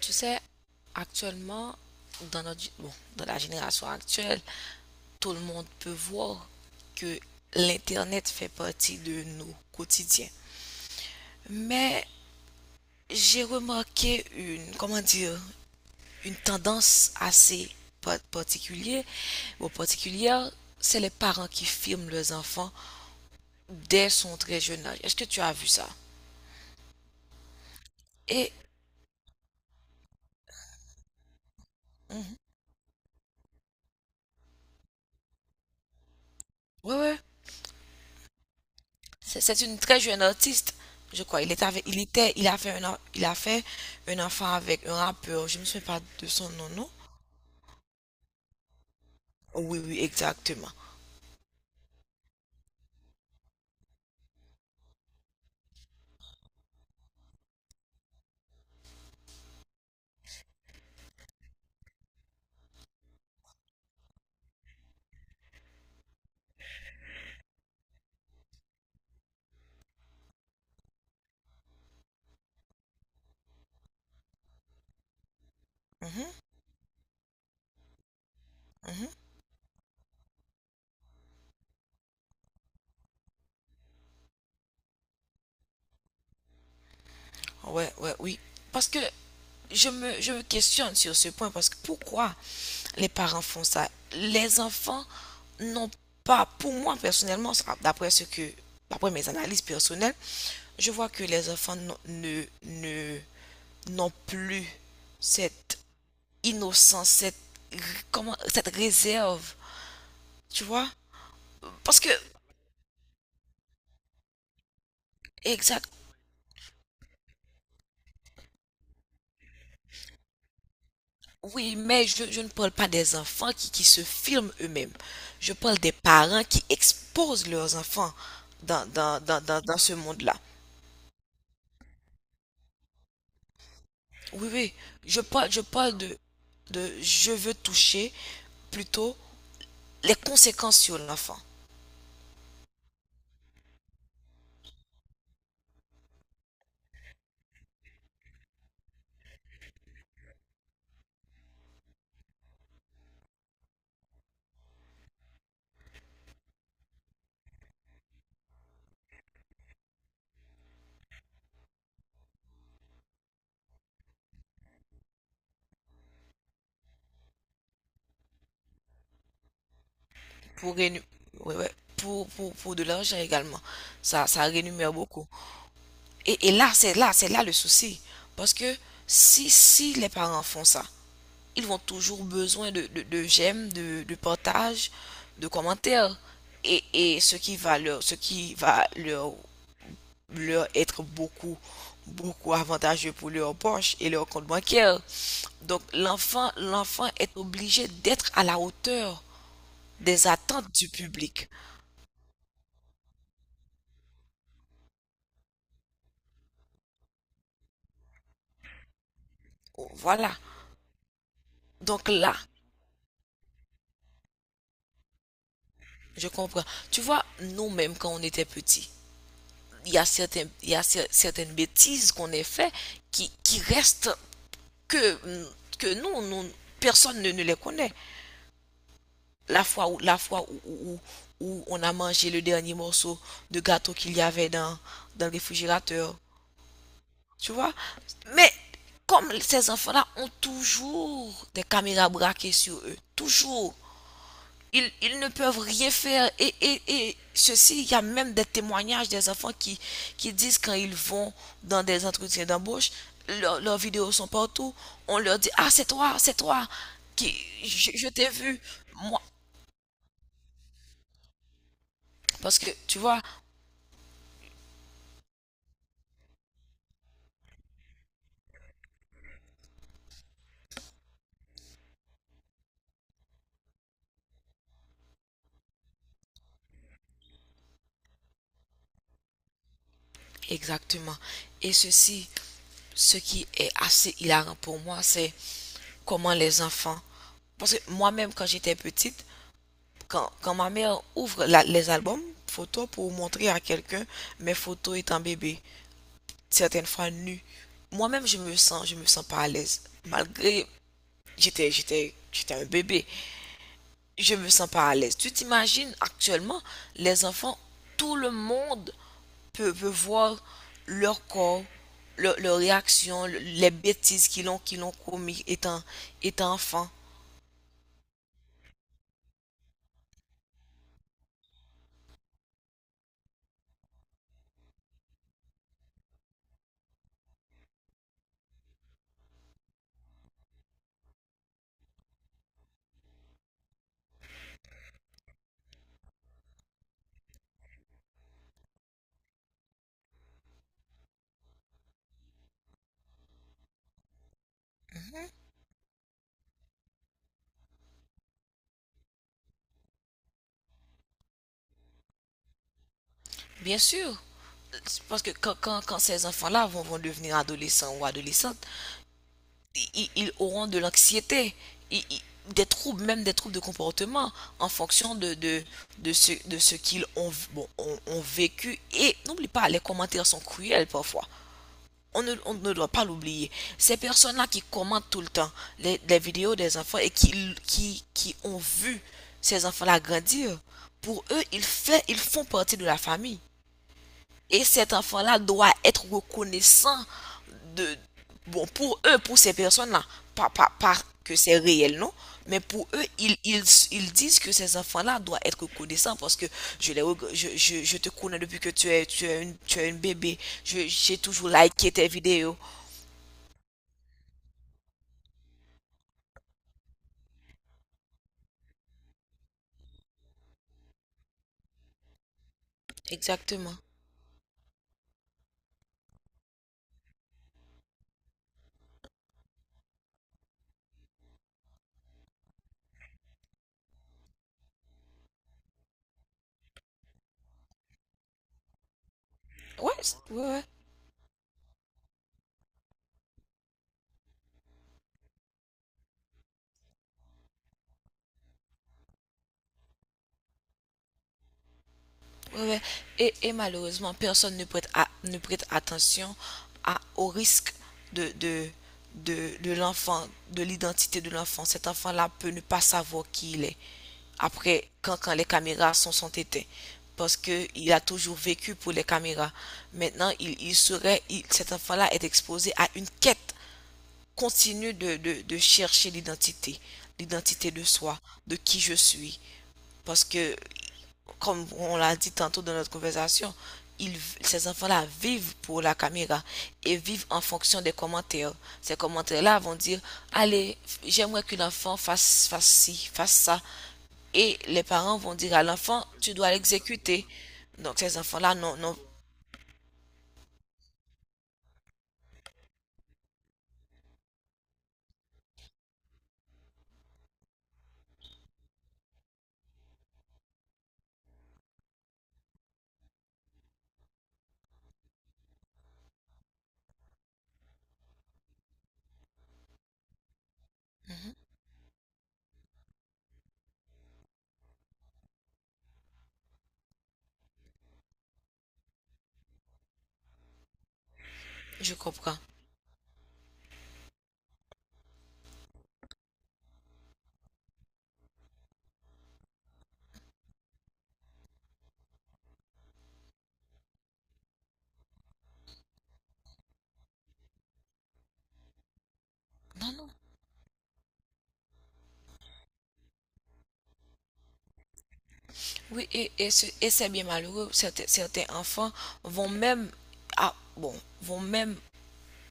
Tu sais, actuellement, bon, dans la génération actuelle, tout le monde peut voir que l'Internet fait partie de nos quotidiens. Mais j'ai remarqué une, comment dire, une tendance assez particulière, ou particulière, c'est les parents qui filment leurs enfants dès son très jeune âge. Est-ce que tu as vu ça? Et, mhm. Ouais, ouais. C'est une très jeune artiste, je crois. Il est avec, il était, il a fait un enfant avec un rappeur. Je ne me souviens pas de son nom, non? Oui, oui, exactement. Mhm, mhm. Ouais, ouais, oui. Parce que je me questionne sur ce point parce que pourquoi les parents font ça? Les enfants n'ont pas, pour moi personnellement, ça, d'après ce que, d'après mes analyses personnelles, je vois que les enfants n'ont- ne, ne, n'ont plus cette innocence, cette, comment, cette réserve, tu vois? Parce que, Exact, oui, mais je ne parle pas des enfants qui se filment eux-mêmes. Je parle des parents qui exposent leurs enfants dans ce monde-là. Oui, oui, je parle de je veux toucher plutôt les conséquences sur l'enfant. pour, rénu- ouais, ouais, pour de l'argent également. Ça rémunère beaucoup. Et là, c'est là le souci. Parce que si les parents font ça, ils vont toujours besoin de j'aime, de partage, de commentaires. Et ce qui va leur, ce qui va leur, leur être beaucoup, beaucoup avantageux pour leur poche et leur compte bancaire. Donc l'enfant est obligé d'être à la hauteur des attentes du public. Voilà. Donc là, je comprends. Tu vois, nous-mêmes, quand on était petits, il y a certaines bêtises qu'on a fait qui restent que, que personne ne les connaît. La fois où on a mangé le dernier morceau de gâteau qu'il y avait dans le réfrigérateur, tu vois. Mais comme ces enfants-là ont toujours des caméras braquées sur eux, toujours. Ils ne peuvent rien faire. Et ceci, il y a même des témoignages des enfants qui disent quand ils vont dans des entretiens d'embauche, leurs vidéos sont partout. On leur dit, ah, c'est toi, qui, je t'ai vu, moi. Parce que, tu vois, exactement. Et ceci, ce qui est assez hilarant pour moi, c'est comment les enfants. Parce que moi-même, quand j'étais petite, quand ma mère ouvre les albums photos pour montrer à quelqu'un mes photos étant bébé, certaines fois nues, moi-même je me sens pas à l'aise. Malgré, j'étais un bébé, je me sens pas à l'aise. Tu t'imagines actuellement, les enfants, tout le monde peut voir leur corps, leur réaction, les bêtises qu'ils ont commis étant enfant. Bien sûr, parce que quand ces enfants-là vont, devenir adolescents ou adolescentes, i- ils auront de l'anxiété, i- i- des troubles, même des troubles de comportement en fonction de ce qu'ils ont, ont vécu. Et n'oublie pas, les commentaires sont cruels parfois. On ne doit pas l'oublier. Ces personnes-là qui commentent tout le temps les vidéos des enfants et qui ont vu ces enfants-là grandir, pour eux, ils font partie de la famille. Et cet enfant-là doit être reconnaissant de, pour eux, pour ces personnes-là, pas, pas, pas que c'est réel, non? Mais pour eux, ils disent que ces enfants-là doivent être reconnaissants parce que je, les, je te connais depuis que tu es une bébé. J'ai toujours liké tes vidéos. Exactement. Ouais, ouais, ouais. Ouais, ouais. Et malheureusement, personne ne prête attention au risque de, de, de l'enfant, de l'identité de l'enfant. Cet enfant-là peut ne pas savoir qui il est après, quand les caméras sont éteintes. Parce qu'il a toujours vécu pour les caméras. Maintenant, cet enfant-là est exposé à une quête continue de chercher l'identité, l'identité de soi, de qui je suis, parce que, comme on l'a dit tantôt dans notre conversation, ces enfants-là vivent pour la caméra et vivent en fonction des commentaires. Ces commentaires-là vont dire, allez, j'aimerais que l'enfant fasse, ci, fasse ça. Et les parents vont dire à l'enfant, tu dois l'exécuter. Donc ces enfants-là, non, non. Mhm, je comprends. Non, non. Oui, et c'est bien malheureux. Certains enfants vont même, ah, bon, vont même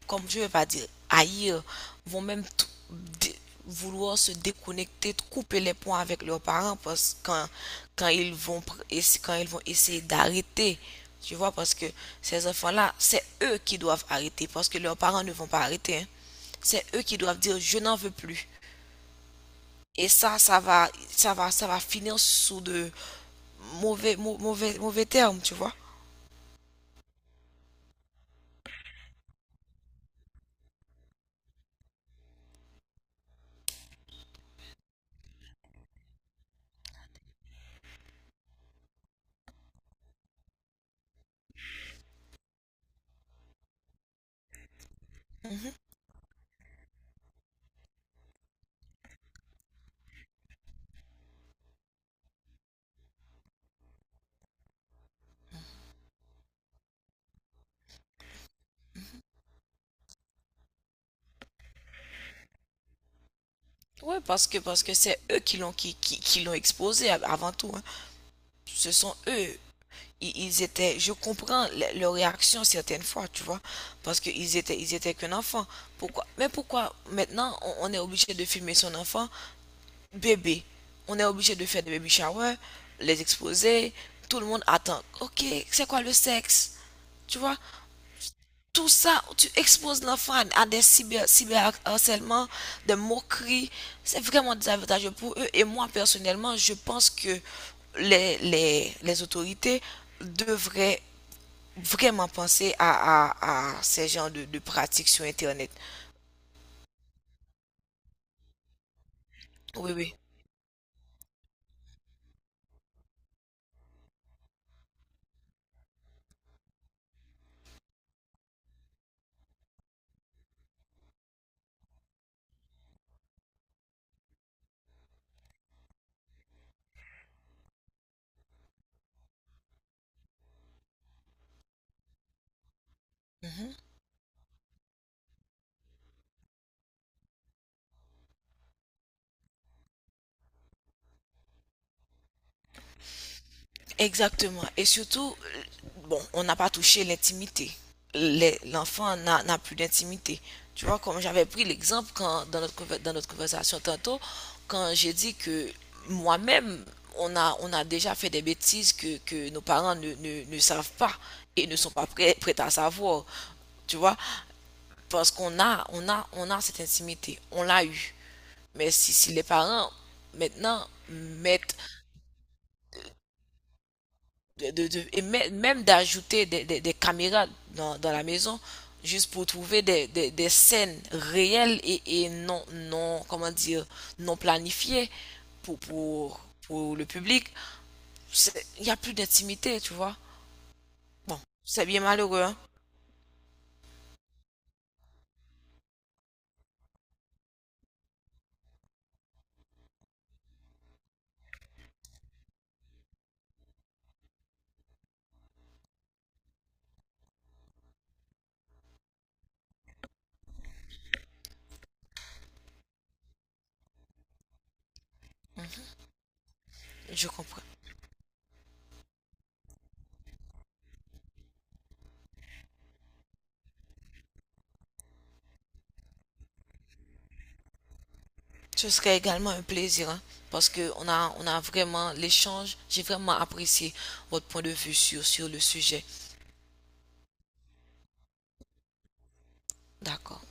comme je ne veux pas dire haïr, vont même dé- vouloir se déconnecter, couper les ponts avec leurs parents parce quand ils vont essayer d'arrêter, tu vois, parce que ces enfants-là, c'est eux qui doivent arrêter parce que leurs parents ne vont pas arrêter, hein. C'est eux qui doivent dire je n'en veux plus. Et ça, ça va finir sous de mauvais termes, tu vois. Oui, parce que c'est eux qui l'ont exposé avant tout, hein. Ce sont eux ils étaient, je comprends leur réaction certaines fois, tu vois, parce qu'ils étaient qu'un enfant. Pourquoi? Mais pourquoi maintenant on est obligé de filmer son enfant bébé? On est obligé de faire des baby showers, les exposer, tout le monde attend. Ok, c'est quoi le sexe? Tu vois, tout ça, tu exposes l'enfant à des cyberharcèlements, des moqueries. C'est vraiment désavantageux pour eux. Et moi, personnellement, je pense que les autorités devraient vraiment penser à ces genres de pratiques sur Internet. Oui, oui. Mhm. Exactement. Et surtout, bon, on n'a pas touché l'intimité. L'enfant n'a plus d'intimité. Tu vois, comme j'avais pris l'exemple quand dans notre conversation tantôt, quand j'ai dit que moi-même, on a déjà fait des bêtises que nos parents ne savent pas et ne sont pas prêts à savoir. Tu vois, parce qu'on a cette intimité, on l'a eu. Mais si les parents, maintenant, mettent, et même d'ajouter des caméras dans la maison, juste pour trouver des scènes réelles et non planifiées pour, pour, pour le public, il n'y a plus d'intimité, tu vois. Bon, c'est bien malheureux, hein. Je comprends. Ce serait également un plaisir, hein, parce que on a vraiment l'échange. J'ai vraiment apprécié votre point de vue sur le sujet. D'accord.